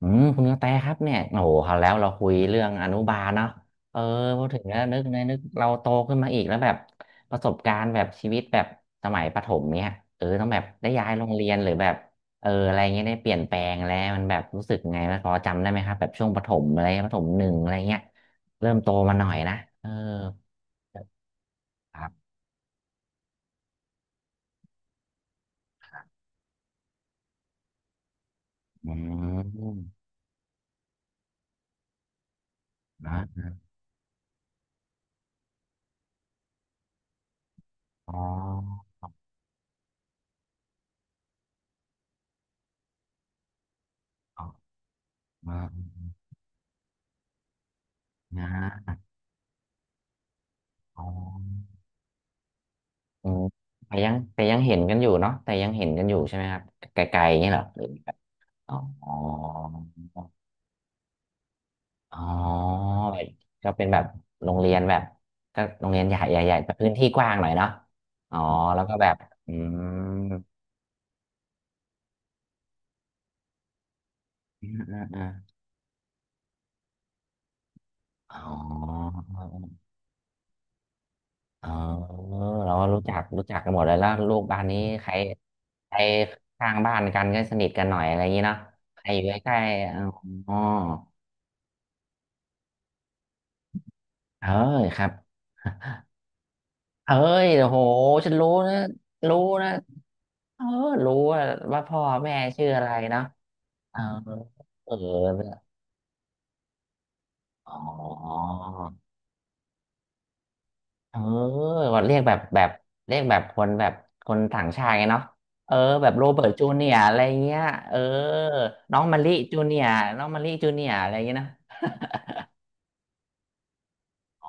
อืมคุณกระแตครับเนี่ยโอ้โหคราวแล้วเราคุยเรื่องอนุบาลเนาะเออพอถึงแล้วนึกในนึกเราโตขึ้นมาอีกแล้วแบบประสบการณ์แบบชีวิตแบบสมัยประถมเนี่ยต้องแบบได้ย้ายโรงเรียนหรือแบบอะไรเงี้ยได้เปลี่ยนแปลงแล้วมันแบบรู้สึกไงมันพอจำได้ไหมครับแบบช่วงประถมอะไรประถมหนึ่งอะไรเงี้ยเริ่มโตมาหน่อยนะเออครับอืมนะอ๋ออ๋อนะอ๋อ อืมแต่ยังเห็นกันอยู่เนาะแต่ยังเห็นกันอยู่ใช่ไหมครับไกลๆอย่างเงี้ยเหรอหรือแบบอ๋ออ๋อก็เป็นแบบโรงเรียนแบบก็โรงเรียนใหญ่ใหญ่แต่พื้นที่กว้างหน่อยเนาะอ๋อแล้วก็แบบอืมอืมอืมอมอ๋อเออเราก็รู้จักกันหมดเลยแล้วลูกบ้านนี้ใครใครข้างบ้านกันก็สนิทกันหน่อยอะไรอย่างงี้เนาะใครอยู่ใกล้ๆอ๋อเออครับ เฮ้ยโอ้โหฉันรู้นะรู้นะเออรู้ว่าพ่อแม่ชื่ออะไรนะเออเอออ๋อเออก็เรียกแบบเรียกแบบคนแบบคนต่างชาติไงเนาะเออแบบโรเบิร์ตจูเนียร์อะไรเงี้ยเออน้องมะลิจูเนียร์น้องมะลิจูเนียร์อะไรเงี้ยนะอ๋อ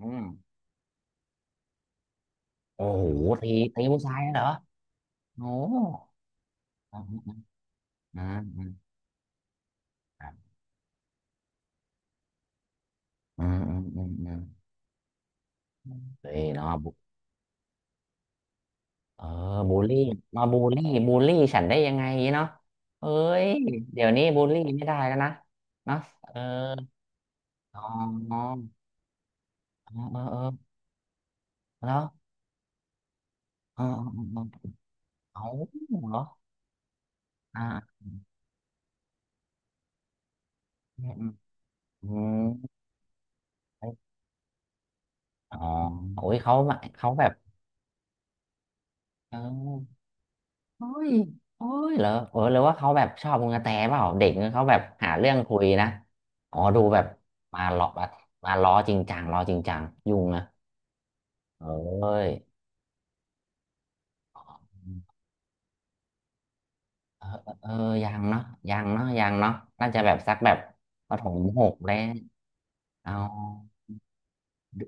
อืมโอ้โหตีตีผู้ชายเหรอโอ้โหอืมอืมอืมอืมอืมอืมอืมอืมเฮ้ยเนาะ เออบูลลี่มาบูลลี่ฉันได้ยังไงเนาะเอ้ยเดี๋ยวนี้บูลลี่ไม่ได้แล้วนะเนาะเอออ๋อเออเออเออแล้วเออเออเออเอาเหรออ่าอืมอืมอมอ๋อโอ้ยเขามาเขาแบบเออโอ้ยโอ้ยเหรอเออหรือว่าเขาแบบชอบมึงกระแตเปล่าเด็กเนี่ยเขาแบบหาเรื่องคุยนะอ๋อดูแบบมาล้อมาล้อจริงจังล้อจริงจังยุ่งนะเอ้ย เออเออยังเนาะยังเนาะน่าจะแบบสักแบบประถมหกเลยเอาดู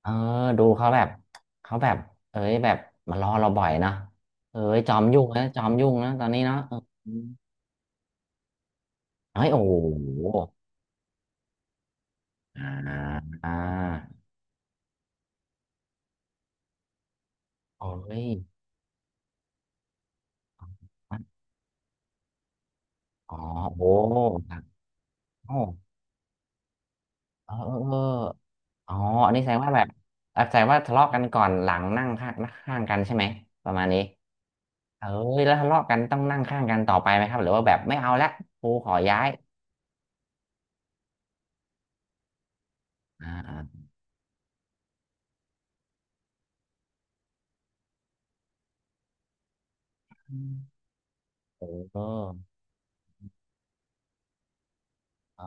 เออดูเขาแบบเขาแบบเอ้ยแบบมารอเราบ่อยเนาะเอ้ยจอมยุ่งนะตอนนี้เนาะเออเอ้ยโอ้โหอ่าอ่าโอ้ยอ๋อโอ้โอ้เออเออเอออ๋ออันนี้แสดงว่าแบบแสดงว่าทะเลาะกันก่อนหลังนั่งข้างกันใช่ไหมประมาณนี้ เออแล้วทะเลาะกันต้องนั่งข้างกันต่อไปไหมครับหรือว่าแบบไม่เอาละครูขอย้ายอ่าอ่าอืมเออเออ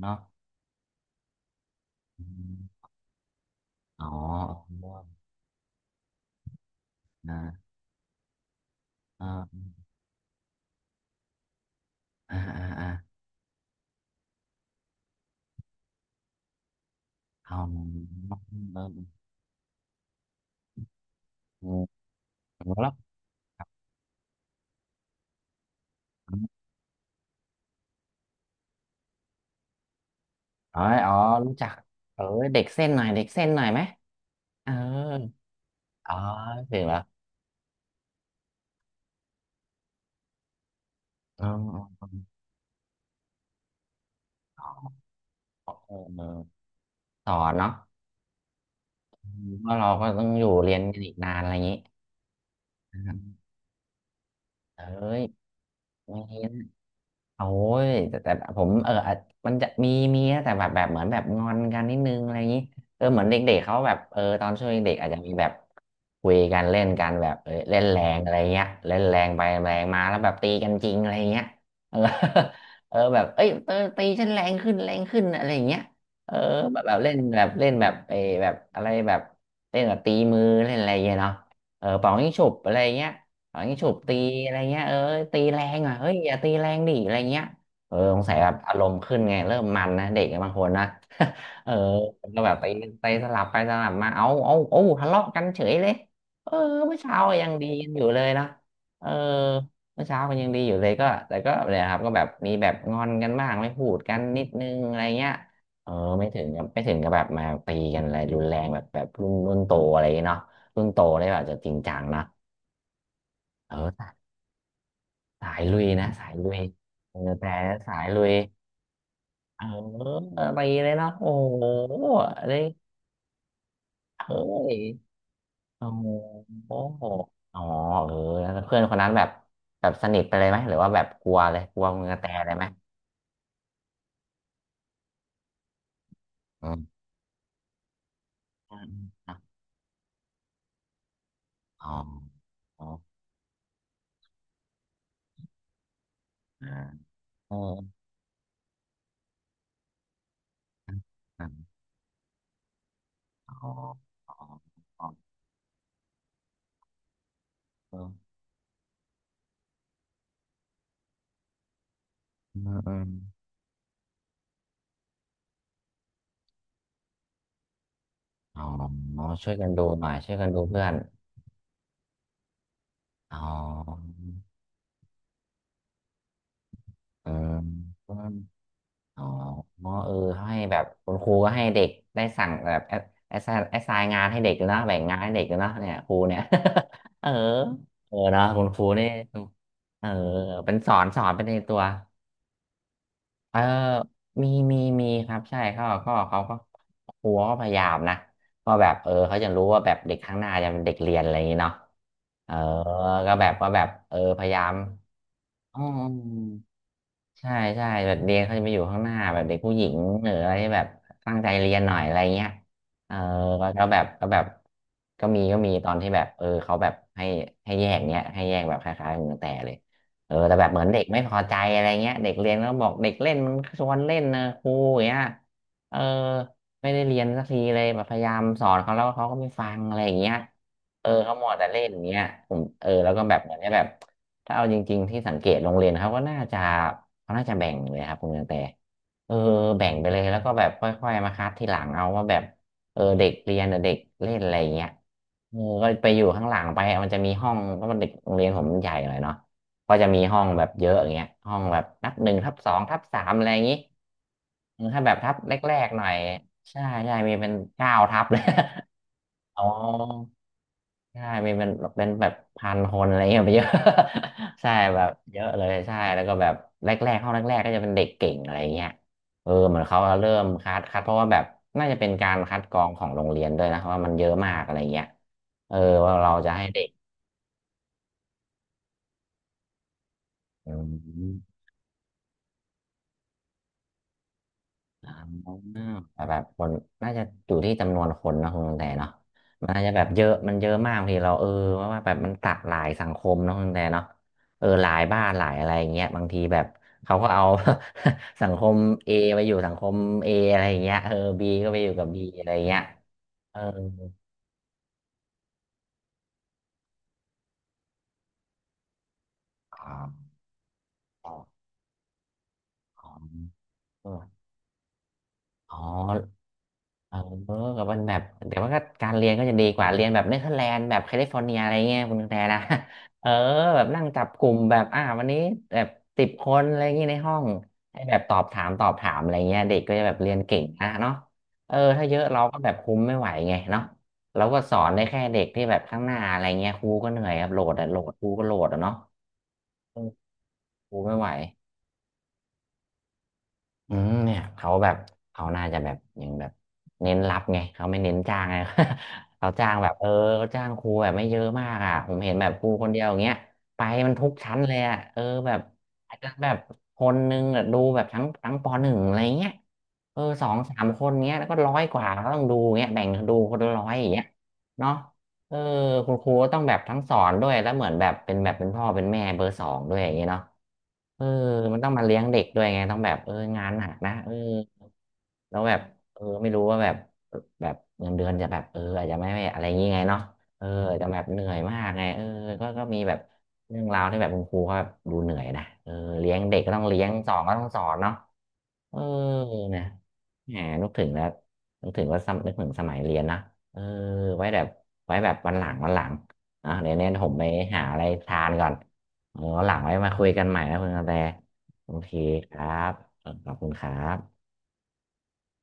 เนาะอมอ๋อเ่าอ่าอ่าอ่าอ่าเอาเออเอมแล้วอออ๋อรู้จักเออเด็กเส้นหน่อยเด็กเส้นหน่อยไหมเอออ๋อถึงแล้วเออออ๋อเออเออสอนเนาะเพ่าเราก็ต้องอยู่เรียนกันอีกนานอะไรอย่างนี้เอ้ยไม่ โอ้ยแต่แต่ผมอาจมันจะมีมีนะแต่แบบแบบเหมือนแบบงอนกันนิดนึงอะไรอย่างนี้เออเหมือนเด็กๆเขาแบบเออตอนช่วงเด็กๆอาจจะมีแบบคุยกันเล่นกันแบบเออเล่นแรงอะไรเงี้ยเล่นแรงไปแรงมาแล้วแบบตีกันจริงอะไรเงี้ยเออ เออแบบเอ้ยเออตีฉันแรงขึ้นอะไรอย่างเงี้ยเออแบบแบบเล่นแบบเออแบบอะไรแบบเล่นแบบตีมือเล่นอะไรเงี้ยเนาะเออเป่ายิงฉุบอะไรเงี้ย เอางี้ฉุบตีอะไรเงี้ยเออตีแรงอ่ะเฮ้ยอย่าตีแรงดิอะไรเงี้ยเออสงสัยแบบอารมณ์ขึ้นไงเริ่มมันนะเด็กบางคนนะ เออก็แบบไปไสลับไปสลับมาเอาทะเลาะกันเฉยเลยเออเมื่อเช้ายังดีกันอยู่เลยนะเออเมื่อเช้ามันยังดีอยู่เลยก็แต่ก็เนี่ยครับก็แบบมีแบบงอนกันบ้างไม่พูดกันนิดนึงอะไรเงี้ยเออไม่ถึงกับแบบมาตีกันอะไรรุนแรงแบบแบบรุ่นโตอะไรเนาะรุ่นโตเลยแบบจะจริงจังนะเออ สายลุยเออแต่สายลุยเออไปเลยเนาะโอ้โหเลยเอ้ยโอ้โหอ๋อเออแล้วเพื่อนคนนั้นแบบแบบสนิทไปเลยไหมหรือว่าแบบกลัวเลยกลัวมือกระแตเลยไหมอืมอืมอมอ๋ออ๋ออ่าเอออ่าอ๋ออ๋ออ๋อเอออืมอืมอ๋อช่วยกันดูหน่อยช่วยกันดูเพื่อนอ๋อเออ อ๋อเออให้แบบคุณครูก็ให้เด็กได้สั่งแบบแอสไซน์งานให้เด็กด้วยนะแบ่งงานให้เด็กด้วยนะเนี่ยครูเนี่ย เออเออเนอะคุณครูนี่เออเป็นสอนเป็นในตัวเออมีครับใช่เขาก็ครูก็พยายามนะก็แบบเออเขาจะรู้ว่าแบบเด็กข้างหน้าจะเป็นเด็กเรียนอะไรอย่างนี้เนาะเออก็แบบว่าแบบเออพยายามอ๋อ ใช่ใช่แบบเรียนเขาจะไปอยู่ข้างหน้าแบบเด็กผู้หญิงหรืออะไรที่แบบตั้งใจเรียนหน่อยอะไรเงี้ยเออก็แบบก็มีตอนที่แบบเออเขาแบบให้ให้แยกเนี้ยให้แยกแบบคล้ายๆมือแต่เลยเออแต่แบบเหมือนเด็กไม่พอใจอะไรเงี้ยเด็กเรียนแล้วบอกเด็กเล่นมันชวนเล่นนะครูอย่างเงี้ยเออไม่ได้เรียนสักทีเลยแบบพยายามสอนเขาแล้วเขาก็ไม่ฟังอะไรอย่างเงี้ยเออเขาหมัวแต่เล่นอย่างเงี้ยผมเออแล้วก็แบบเหมือนจะแบบ ถ้าเอาจริงๆที่สังเกตโรงเรียนเขาก็น่าจะเขาน่าจะแบ่งเลยครับคุณกระแตเออแบ่งไปเลยแล้วก็แบบค่อยๆมาคัดทีหลังเอาว่าแบบเออเด็กเรียนกับเด็กเล่นอะไรอย่างเงี้ยเออก็ไปอยู่ข้างหลังไปมันจะมีห้องเพราะมันเด็กโรงเรียนผมมันใหญ่หน่อยเนาะก็จะมีห้องแบบเยอะอย่างเงี้ยห้องแบบนับหนึ่งทับสองทับสามอะไรอย่างงี้เออถ้าแบบทับแรกๆหน่อยใช่มีเป็นเก้าทับเลย อ๋อ ใช่มีเป็นแบบพันคนอะไรเงี้ยไปเยอะ ใช่แบบเยอะเลยใช่แล้วก็แบบแรกๆห้องแรกๆก็จะเป็นเด็กเก่งอะไรเงี้ยเออเหมือนเขาเริ่มคัดเพราะว่าแบบน่าจะเป็นการคัดกรองของโรงเรียนด้วยนะเพราะว่ามันเยอะมากอะไรเงี้ยเออว่าเราจะให้เด็กอืม อ่าแต่แบบคนน่าจะอยู่ที่จำนวนคนนะคุณแต่เนาะมันอาจจะแบบเยอะมันเยอะมากบางทีเราเออว่าแบบมันตัดหลายสังคมเนอะคุณแต่เนาะเออหลายบ้านหลายอะไรอย่างเงี้ยบางทีแบบเขาก็เอา สังคม A ไปอยู่สังคม A อะไรอย่างเงี้ยเออ B ก็ไปอยู่กับ B อะไรอย่างเงี้ยเอออ๋ออ๋ออ๋อ เออกับมันแบบแต่ว่าก็การเรียนก็จะดีกว่าเรียนแบบเนเธอร์แลนด์แบบแคลิฟอร์เนียอะไรเงี้ยคุณแต่นะ เออแบบนั่งจับกลุ่มแบบวันนี้แบบ10 คนอะไรเงงี้ยในห้องให้แบบตอบถามตอบถามอะไรเงี้ยเด็กก็จะแบบเรียนเก่งนะเนาะเออถ้าเยอะเราก็แบบคุมไม่ไหวไงเนาะเราก็สอนได้แค่เด็กที่แบบข้างหน้าอะไรเงี้ยครูก็เหนื่อยครับโหลดอะโหลดครูก็โหลดอะเนาะเออครูไม่ไหว อืมเนี่ยเขาแบบเขาน่าจะแบบยังแบบเน้นรับไงเขาไม่เน้นจ้างไง เขาจ้างแบบเออเขาจ้างครูแบบไม่เยอะมากอ่ะผมเห็นแบบครูคนเดียวอย่างเงี้ยไปมันทุกชั้นเลยอ่ะเออแบบอาจจะแบบคนนึงอะดูแบบทั้งปหนึ่งอะไรเงี้ยเออสองสามคนเงี้ยแล้วก็ร้อยกว่าก็ต้องดูเงี้ยแบ่งดูคนละร้อยอย่างเงี้ยเนาะ เออคุณครูก็ต้องแบบทั้งสอนด้วยแล้วเหมือนแบบเป็นพ่อเป็นแม่เบอร์ 2ด้วยอย่างเงี้ยเนาะเออมันต้องมาเลี้ยงเด็กด้วยไงต้องแบบเอองานหนักนะเออแล้วแบบเออไม่รู้ว่าแบบแบบเงินเดือนจะแบบเอออาจจะไม่อะไรอย่างงี้ไงเนาะเอออาจจะแบบเหนื่อยมากไงเออก็มีแบบเรื่องราวที่แบบคุณครูก็แบบดูเหนื่อยนะเออเลี้ยงเด็กก็ต้องเลี้ยงสอนก็ต้องสอนเนาะเออเนี่ย แหมนึกถึงแล้วนึกถึงว่านึกถึงสมัยเรียนนะเออไว้แบบไว้แบบวันหลังอ่ะเดี๋ยวเนี้นผมไปหาอะไรทานก่อนเออวันหลังไว้มาคุยกันใหม่นะคุณกระแตโอเคครับขอบคุณครับ